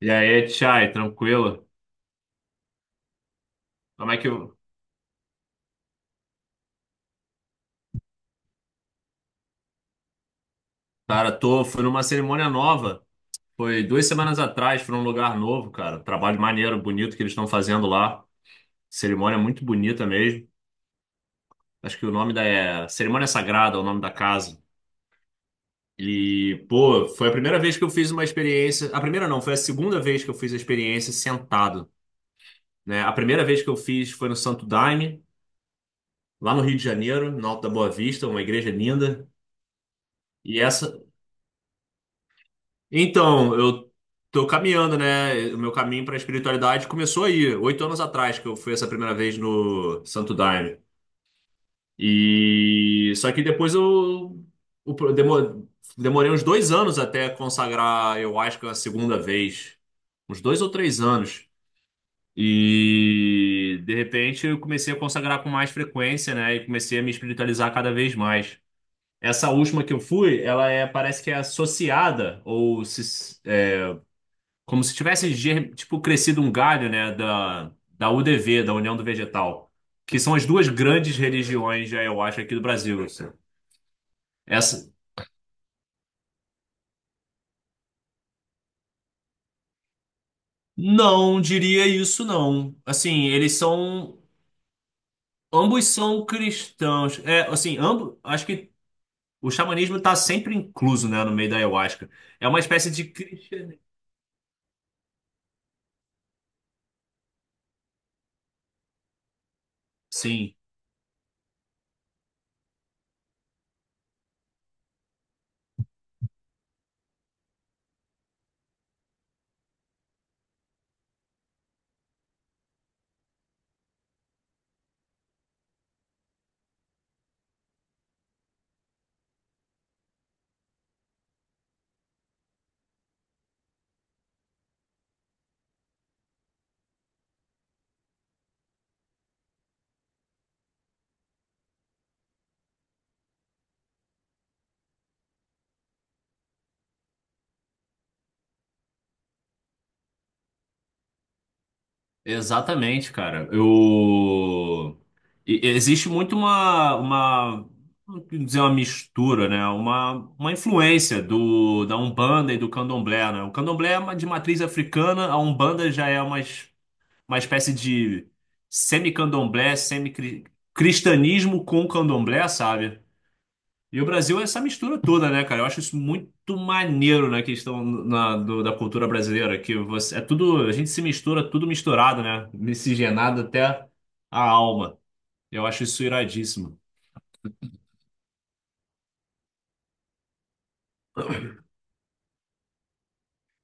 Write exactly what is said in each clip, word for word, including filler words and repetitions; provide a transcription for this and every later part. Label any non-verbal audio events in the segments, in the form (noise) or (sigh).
E aí, Tchai, tranquilo? Como é que eu. Cara, tô. Fui numa cerimônia nova. Foi duas semanas atrás, foi num lugar novo, cara. Um trabalho maneiro, bonito que eles estão fazendo lá. Cerimônia muito bonita mesmo. Acho que o nome da. É, Cerimônia Sagrada é o nome da casa. E, pô, foi a primeira vez que eu fiz uma experiência. A primeira não, foi a segunda vez que eu fiz a experiência sentado, né? A primeira vez que eu fiz foi no Santo Daime, lá no Rio de Janeiro, no Alto da Boa Vista, uma igreja linda. E essa, então, eu tô caminhando, né? O meu caminho para a espiritualidade começou aí, oito anos atrás, que eu fui essa primeira vez no Santo Daime. E só que depois eu, o pro- demo- demorei uns dois anos até consagrar, eu acho que a segunda vez, uns dois ou três anos. E de repente eu comecei a consagrar com mais frequência, né? E comecei a me espiritualizar cada vez mais. Essa última que eu fui, ela é, parece que é associada ou se. Como se tivesse, ger- tipo, crescido um galho, né, da, da U D V, da União do Vegetal, que são as duas grandes religiões, já eu acho, aqui do Brasil. Assim. Essa, não diria isso, não. Assim, eles são, ambos são cristãos. É, assim, ambos, acho que o xamanismo está sempre incluso, né, no meio da ayahuasca. É uma espécie de cristianismo. Sim. Exatamente, cara. Eu... e- Existe muito uma, uma, não quero dizer uma mistura, né? Uma, uma influência do, da Umbanda e do Candomblé, né? O Candomblé é uma- de matriz africana, a Umbanda já é uma, es- uma espécie de semi-candomblé, semi-cristianismo com candomblé, sabe? E o Brasil é essa mistura toda, né, cara? Eu acho isso muito maneiro na questão na- do- da cultura brasileira, que você, é tudo, a gente se mistura, tudo misturado, né? Miscigenado até a alma. Eu acho isso iradíssimo.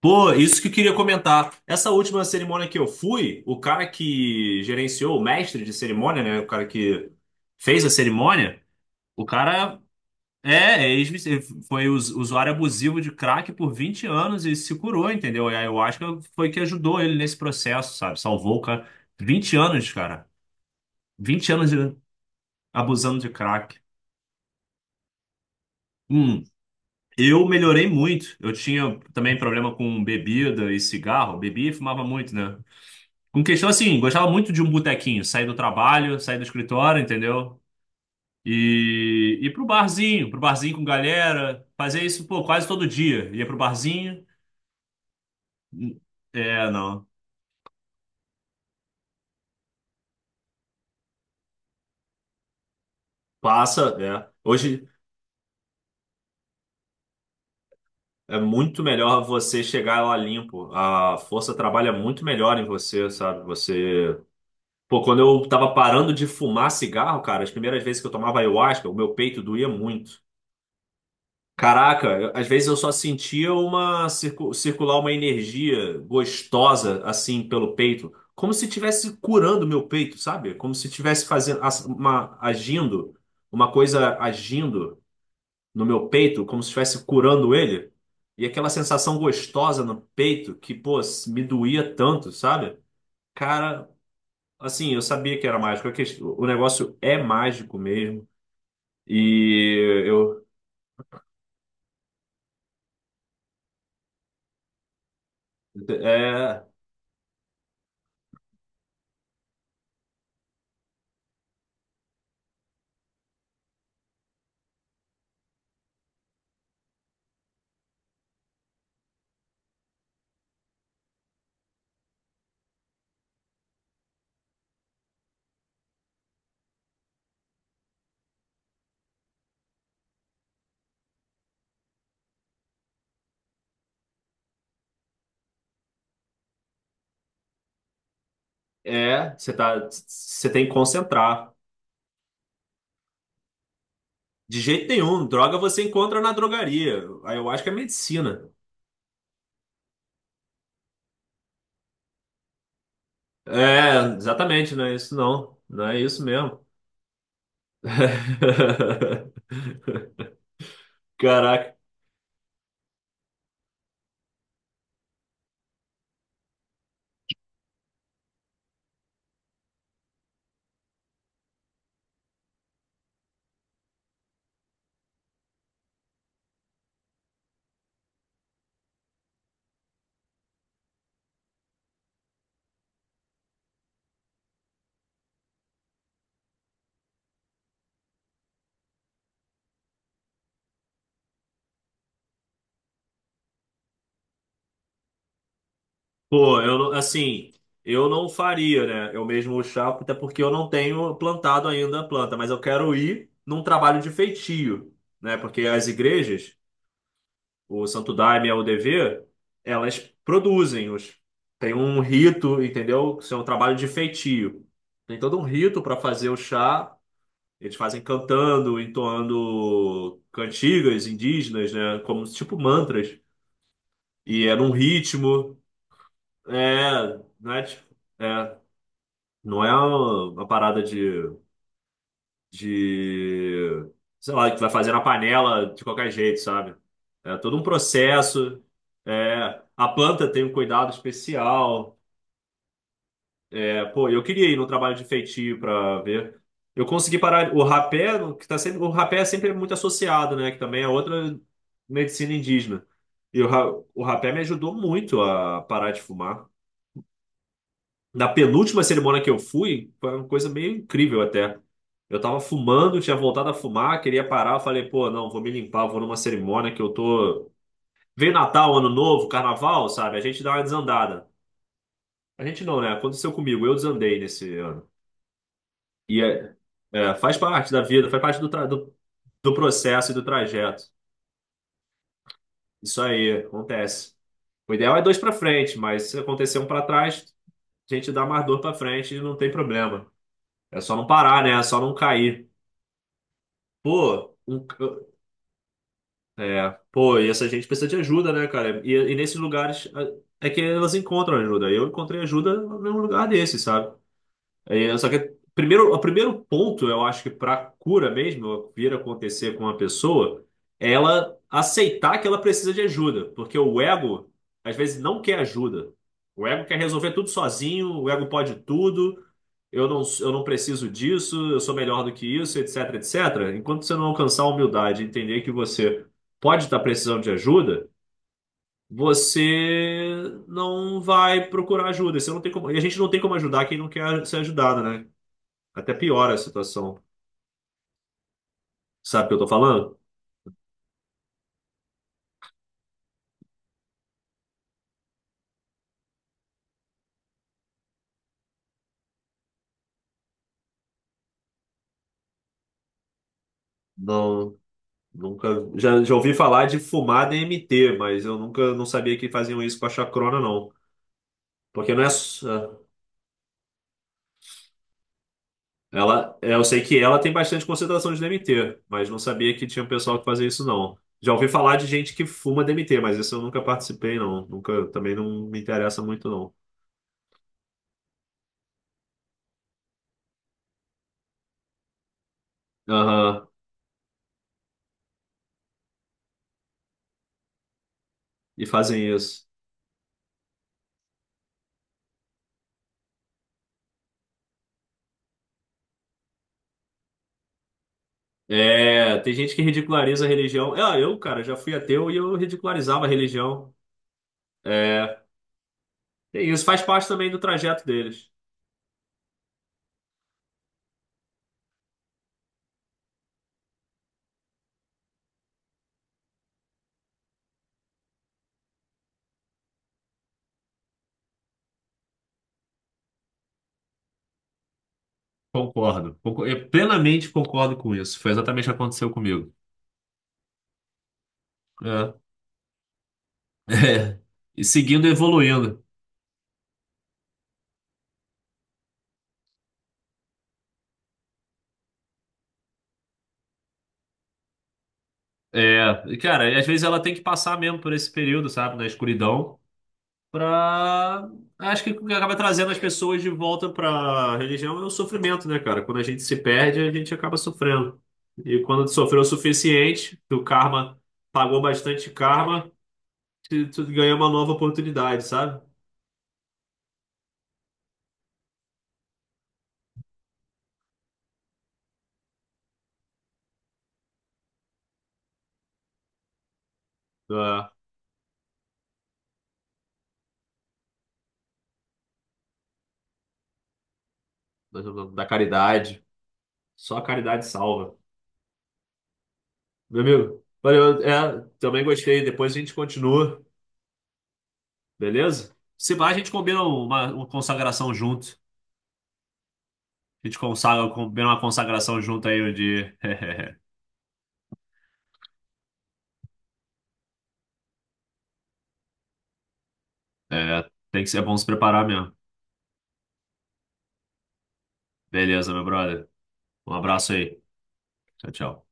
Pô, isso que eu queria comentar. Essa última cerimônia que eu fui, o cara que gerenciou, o mestre de cerimônia, né? O cara que fez a cerimônia, o cara É, é ex- foi us- usuário abusivo de crack por vinte anos e se curou, entendeu? E a ayahuasca foi que ajudou ele nesse processo, sabe? Salvou o cara. Vinte anos, cara. Vinte anos de- abusando de crack. Hum, eu melhorei muito. Eu tinha também problema com bebida e cigarro. Bebia e fumava muito, né? Com questão assim, gostava muito de um botequinho. Sair do trabalho, sair do escritório, entendeu? E ir pro barzinho pro barzinho com galera. Fazer isso, pô, quase todo dia. Ia pro barzinho. É, não. Passa, é. Hoje é muito melhor você chegar lá limpo. A força trabalha muito melhor em você, sabe? Você. Pô, quando eu tava parando de fumar cigarro, cara, as primeiras vezes que eu tomava ayahuasca, o meu peito doía muito. Caraca, eu- às vezes eu só sentia uma circu- circular uma energia gostosa assim pelo peito, como se estivesse curando meu peito, sabe? Como se estivesse fazendo as- uma agindo, uma coisa agindo. No meu peito, como se estivesse curando ele. E aquela sensação gostosa no peito que, pô, me doía tanto, sabe? Cara, assim, eu sabia que era mágico. A ques- O negócio é mágico mesmo. E eu. É. É. Você tá, você tem que concentrar. De jeito nenhum. Droga você encontra na drogaria. Aí eu acho que é medicina. É, exatamente, não é isso não. Não é isso mesmo. (laughs) Caraca. Pô, eu não- Assim, eu não faria, né? Eu mesmo o chá, até porque eu não tenho plantado ainda a planta, mas eu quero ir num trabalho de feitio, né? Porque as igrejas, o Santo Daime e a U D V, elas produzem os tem um rito, entendeu? Isso é um trabalho de feitio. Tem todo um rito para fazer o chá. Eles fazem cantando, entoando cantigas indígenas, né? Como tipo mantras. E é num ritmo, é, não é tipo, é. Não é uma uma parada de, de, sei lá, que vai fazer na panela de qualquer jeito, sabe? É todo um processo. É, a planta tem um cuidado especial. É, pô, eu queria ir no trabalho de feitio para ver. Eu consegui parar o rapé, no- que tá sempre, o rapé é sempre muito associado, né? Que também é outra medicina indígena. E o, ra- o rapé me ajudou muito a parar de fumar. Na penúltima cerimônia que eu fui, foi uma coisa meio incrível até. Eu tava fumando, tinha voltado a fumar, queria parar, eu falei, pô, não, vou me limpar, vou numa cerimônia que eu tô. Vem Natal, Ano Novo, Carnaval, sabe? A gente dá uma desandada. A gente não, né? Aconteceu comigo, eu desandei nesse ano. E é, é, faz parte da vida, faz parte do, tra- do, do processo e do trajeto. Isso aí, acontece. O ideal é dois pra frente, mas se acontecer um pra trás, a gente dá mais dor pra frente e não tem problema. É só não parar, né? É só não cair. Pô, um c- É, pô, e essa gente precisa de ajuda, né, cara? E, e nesses lugares a- é que elas encontram ajuda. Eu encontrei ajuda num lugar desse, sabe? É, só que primeiro, o primeiro ponto, eu acho que para cura mesmo, vir a acontecer com uma pessoa, é ela aceitar que ela precisa de ajuda, porque o ego às vezes não quer ajuda. O ego quer resolver tudo sozinho, o ego pode tudo. Eu não, eu não preciso disso, eu sou melhor do que isso, etc, etcétera. Enquanto você não alcançar a humildade, e entender que você pode estar precisando de ajuda, você não vai procurar ajuda. Você não tem como, e a gente não tem como ajudar quem não quer ser ajudado, né? Até piora a situação. Sabe o que eu tô falando? Não, nunca. Já, já ouvi falar de fumar D M T, mas eu nunca não sabia que faziam isso com a chacrona, não. Porque não é. só- Ela, é, eu sei que ela tem bastante concentração de D M T, mas não sabia que tinha um pessoal que fazia isso, não. Já ouvi falar de gente que fuma D M T, mas isso eu nunca participei, não. Nunca, também não me interessa muito, não. Aham, e fazem isso. É, tem gente que ridiculariza a religião. Ah, eu, cara, já fui ateu e eu ridicularizava a religião. É, e isso faz parte também do trajeto deles. Concordo. Concor- Eu plenamente concordo com isso. Foi exatamente o que aconteceu comigo. É. (laughs) É. E seguindo e evoluindo. É. E, cara, e às vezes ela tem que passar mesmo por esse período, sabe, na escuridão, pra. Acho que o que acaba trazendo as pessoas de volta pra religião é o sofrimento, né, cara? Quando a gente se perde, a gente acaba sofrendo. E quando tu sofreu o suficiente, o karma pagou bastante karma, tu, tu ganha uma nova oportunidade, sabe? da, da caridade. Só a caridade salva. Meu amigo, valeu. É, também gostei. Depois a gente continua, beleza? Se vai a gente combina uma, uma consagração junto. A gente consagra, combina uma consagração junto aí um dia. (laughs) É, tem que ser é bom se preparar mesmo. Beleza, meu brother. Um abraço aí. Tchau, tchau.